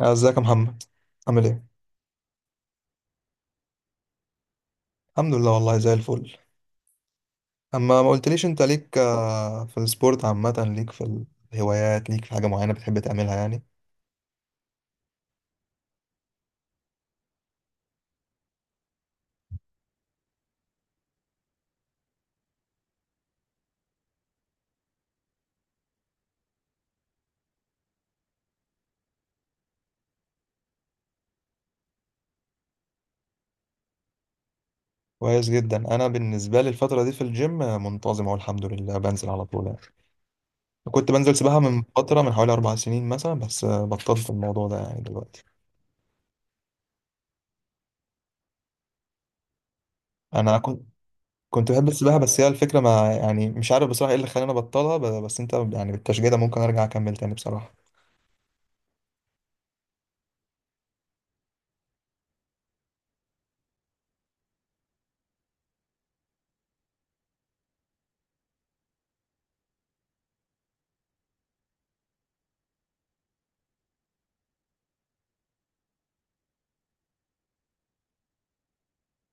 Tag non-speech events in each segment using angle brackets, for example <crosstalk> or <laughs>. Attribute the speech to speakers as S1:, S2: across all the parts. S1: ازيك يا محمد؟ عامل ايه؟ الحمد لله والله زي الفل. اما ما قلتليش انت ليك في السبورت عامه، ليك في الهوايات، ليك في حاجه معينه بتحب تعملها يعني؟ كويس جدا. انا بالنسبه لي الفتره دي في الجيم منتظم اهو الحمد لله، بنزل على طول يعني. كنت بنزل سباحه من فتره، من حوالي اربع سنين مثلا، بس بطلت الموضوع ده يعني دلوقتي. انا كنت كنت بحب السباحه، بس هي الفكره ما يعني مش عارف بصراحه ايه اللي خلاني ابطلها، بس انت يعني بالتشجيع ده ممكن ارجع اكمل تاني بصراحه.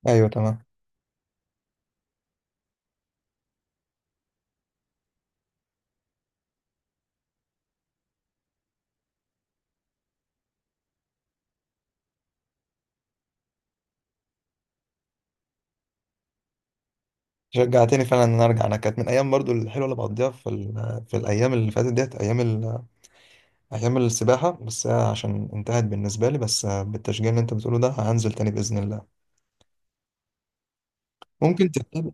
S1: ايوه تمام، شجعتني فعلا ان انا ارجع. انا كانت من ايام برضو الحلوه اللي بقضيها في الايام اللي فاتت ديت، ايام السباحه، بس هي عشان انتهت بالنسبه لي، بس بالتشجيع اللي انت بتقوله ده هنزل تاني باذن الله. ممكن تبتدي.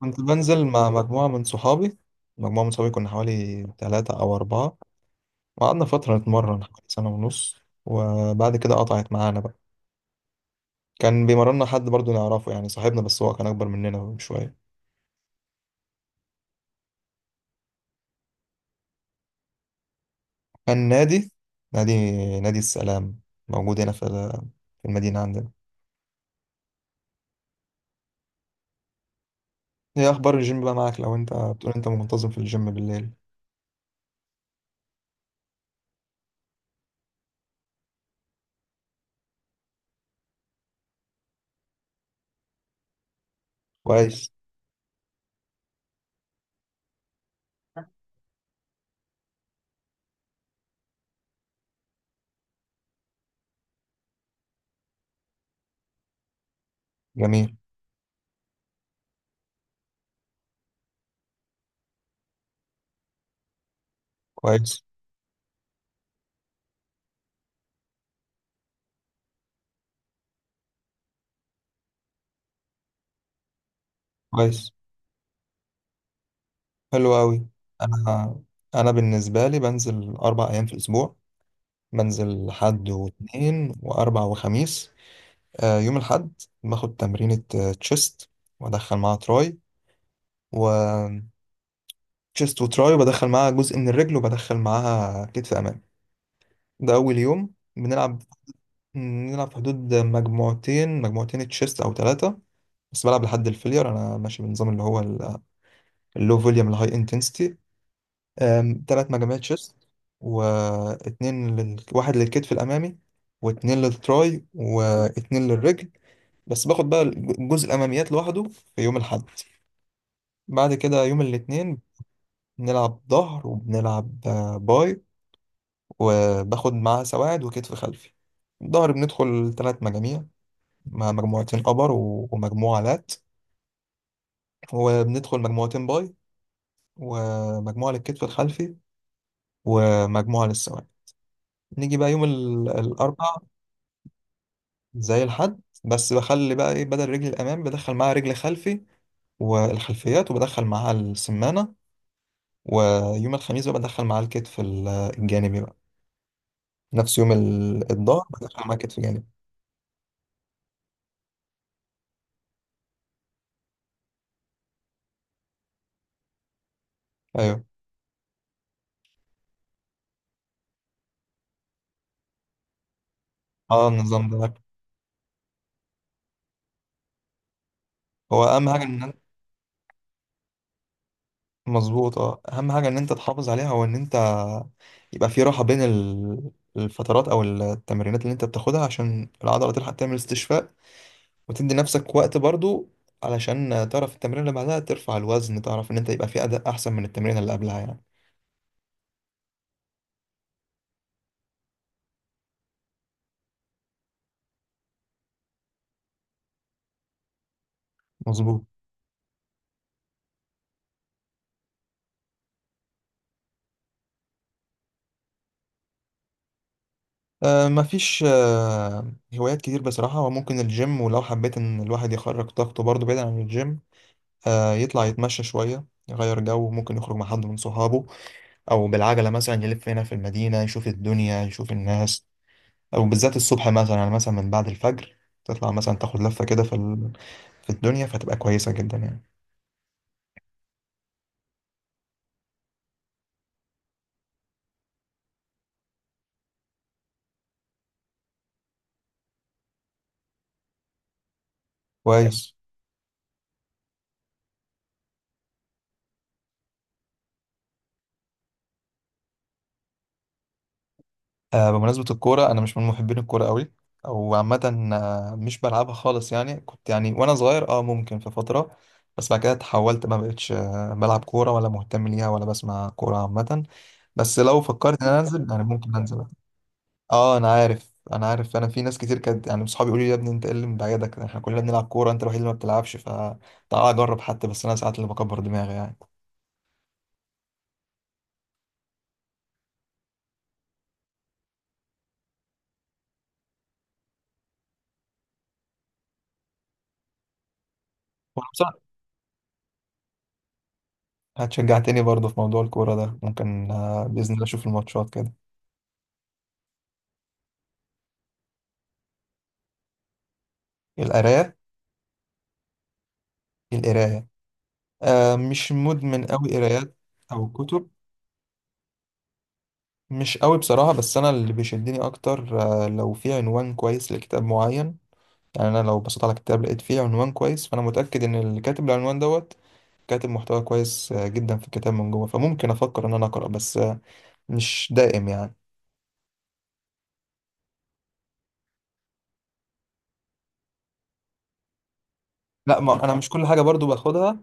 S1: كنت بنزل مع مجموعه من صحابي، مجموعه من صحابي، كنا حوالي ثلاثة او اربعة، وقعدنا فتره نتمرن حوالي سنه ونص، وبعد كده قطعت معانا بقى. كان بيمرنا حد برضو نعرفه يعني صاحبنا، بس هو كان اكبر مننا بشويه. كان نادي، نادي نادي السلام، موجود هنا في المدينه عندنا. ايه اخبار الجيم بقى معاك؟ لو انت بتقول انت منتظم في الجيم بالليل. كويس. جميل. كويس. كويس. حلو قوي. انا انا بالنسبه لي بنزل اربع ايام في الاسبوع، بنزل حد واثنين واربع وخميس. آه، يوم الحد باخد تمرينة تشيست وادخل معاها تراي، و تشيست وتراي، وبدخل معاها جزء من الرجل، وبدخل معاها كتف امامي. ده اول يوم بنلعب. بنلعب في حدود مجموعتين، مجموعتين تشيست او ثلاثه. بس بلعب لحد الفيلير، انا ماشي بالنظام اللي هو اللو فوليوم الهاي انتنسيتي. ثلاث مجاميع تشيست، واحد للكتف الامامي، واتنين للتراي، واتنين للرجل. بس باخد بقى الجزء الاماميات لوحده في يوم الاحد. بعد كده يوم الاثنين بنلعب ظهر وبنلعب باي، وباخد معاه سواعد وكتف خلفي. الظهر بندخل ثلاث مجاميع، مع مجموعتين ابر ومجموعة لات، وبندخل مجموعتين باي، ومجموعة للكتف الخلفي، ومجموعة للسواعد. نيجي بقى يوم الأربع، زي الحد بس بخلي بقى إيه، بدل رجل الأمام بدخل معاها رجل خلفي والخلفيات، وبدخل معاها السمانة. ويوم الخميس بقى بدخل معاها الكتف الجانبي بقى، نفس يوم الظهر بدخل معاها كتف جانبي. أيوه. اه النظام ده، هو أهم حاجة إن أنت <laughs> مظبوط. اه، أهم حاجة إن أنت تحافظ عليها هو إن أنت يبقى في راحة بين الفترات أو التمرينات اللي أنت بتاخدها، عشان العضلة تلحق تعمل استشفاء، وتدي نفسك وقت برضو علشان تعرف التمرين اللي بعدها ترفع الوزن، تعرف ان انت يبقى في اداء احسن من التمرين اللي قبلها يعني. مظبوط. آه مفيش آه هوايات كتير بصراحة، وممكن الجيم، ولو حبيت ان الواحد يخرج طاقته برضو بعيد عن الجيم، آه يطلع يتمشى شوية يغير جو، ممكن يخرج مع حد من صحابه، او بالعجلة مثلا يلف هنا في المدينة، يشوف الدنيا يشوف الناس، او بالذات الصبح مثلا يعني، مثلا من بعد الفجر تطلع مثلا تاخد لفة كده في الدنيا، فتبقى كويسة جدا يعني. كويس. آه، بمناسبة الكورة، أنا مش من محبين الكورة قوي، أو عامة مش بلعبها خالص يعني. كنت يعني وأنا صغير أه ممكن في فترة، بس بعد كده اتحولت ما بقتش بلعب كورة ولا مهتم ليها ولا بسمع كورة عامة، بس لو فكرت إن أنا أنزل يعني ممكن أنزل. أه أنا عارف، أنا عارف. أنا في ناس كتير كانت يعني صحابي يقولوا لي يا ابني أنت إيه اللي مبعدك، إحنا كلنا بنلعب كورة، أنت الوحيد اللي ما بتلعبش فتعال أجرب حتى، بس أنا ساعات اللي بكبر دماغي يعني. وأنا بصراحة هتشجعتني برضه في موضوع الكورة ده، ممكن بإذن الله أشوف الماتشات كده. القراية؟ القراية؟ آه مش مدمن قوي قرايات. أو كتب، مش قوي بصراحة، بس أنا اللي بيشدني أكتر آه لو في عنوان كويس لكتاب معين يعني. أنا لو بصيت على كتاب لقيت فيه عنوان كويس، فأنا متأكد إن اللي كاتب العنوان دوت كاتب محتوى كويس آه جدا في الكتاب من جوه، فممكن أفكر إن أنا أقرأ، بس آه مش دائم يعني. لا ما أنا مش كل حاجة برضو باخدها،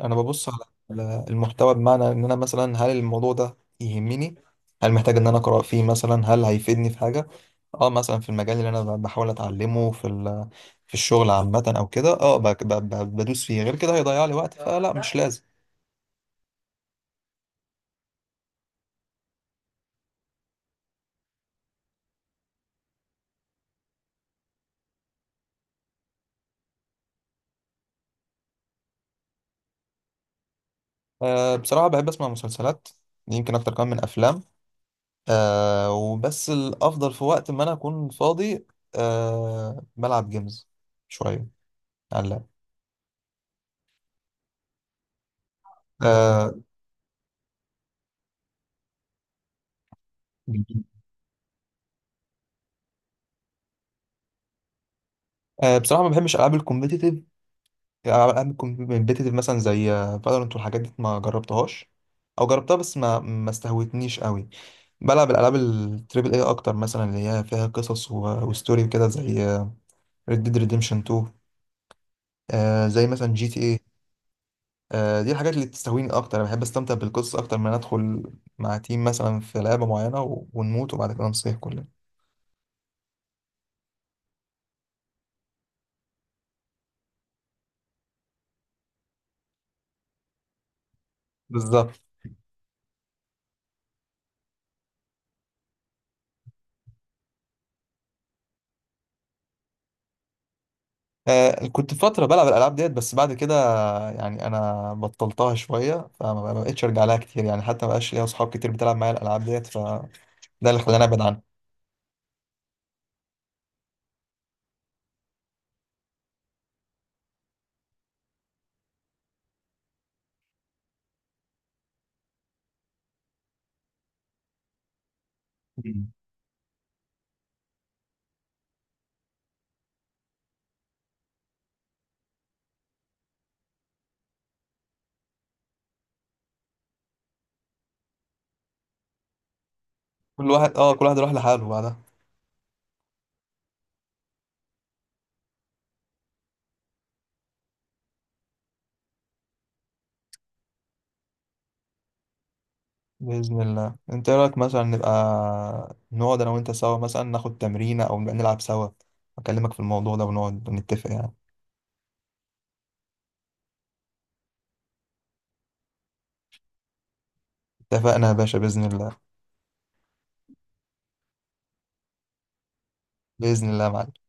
S1: انا ببص على المحتوى، بمعنى ان انا مثلا هل الموضوع ده يهمني، هل محتاج ان انا اقرا فيه مثلا، هل هيفيدني في حاجه اه مثلا في المجال اللي انا بحاول اتعلمه في الشغل عامه او كده، اه بدوس فيه، غير كده هيضيع لي وقت فلا مش لازم. آه بصراحه بحب اسمع مسلسلات، يمكن اكتر كمان من افلام. آه وبس الافضل في وقت ما انا اكون فاضي، آه بلعب جيمز شويه على اللاب. آه، بصراحة ما بحبش ألعاب الكومبيتيتيف. العاب كومبيتيتيف مثلا زي فالورنت والحاجات دي ما جربتهاش، او جربتها بس ما استهوتنيش قوي. بلعب الالعاب التريبل اي اكتر، مثلا اللي هي فيها قصص وستوري كده زي ريد ديد ريديمشن 2، زي مثلا جي تي اي. دي الحاجات اللي بتستهويني اكتر. انا بحب استمتع بالقصص اكتر من أن ادخل مع تيم مثلا في لعبه معينه ونموت وبعد كده نصيح كلنا. بالظبط. آه، كنت فترة بلعب الألعاب ديت، بس بعد كده يعني أنا بطلتها شوية، ما بقتش أرجع لها كتير يعني، حتى ما بقاش ليا أصحاب كتير بتلعب معايا الألعاب ديت، فده اللي خلاني أبعد عنها. مم. كل واحد، أه كل واحد راح لحاله بعدها. بإذن الله. أنت إيه رأيك مثلا نبقى نقعد أنا وأنت سوا، مثلا ناخد تمرينة أو نبقى نلعب سوا، أكلمك في الموضوع ده ونقعد نتفق يعني. اتفقنا يا باشا بإذن الله. بإذن الله يا معلم.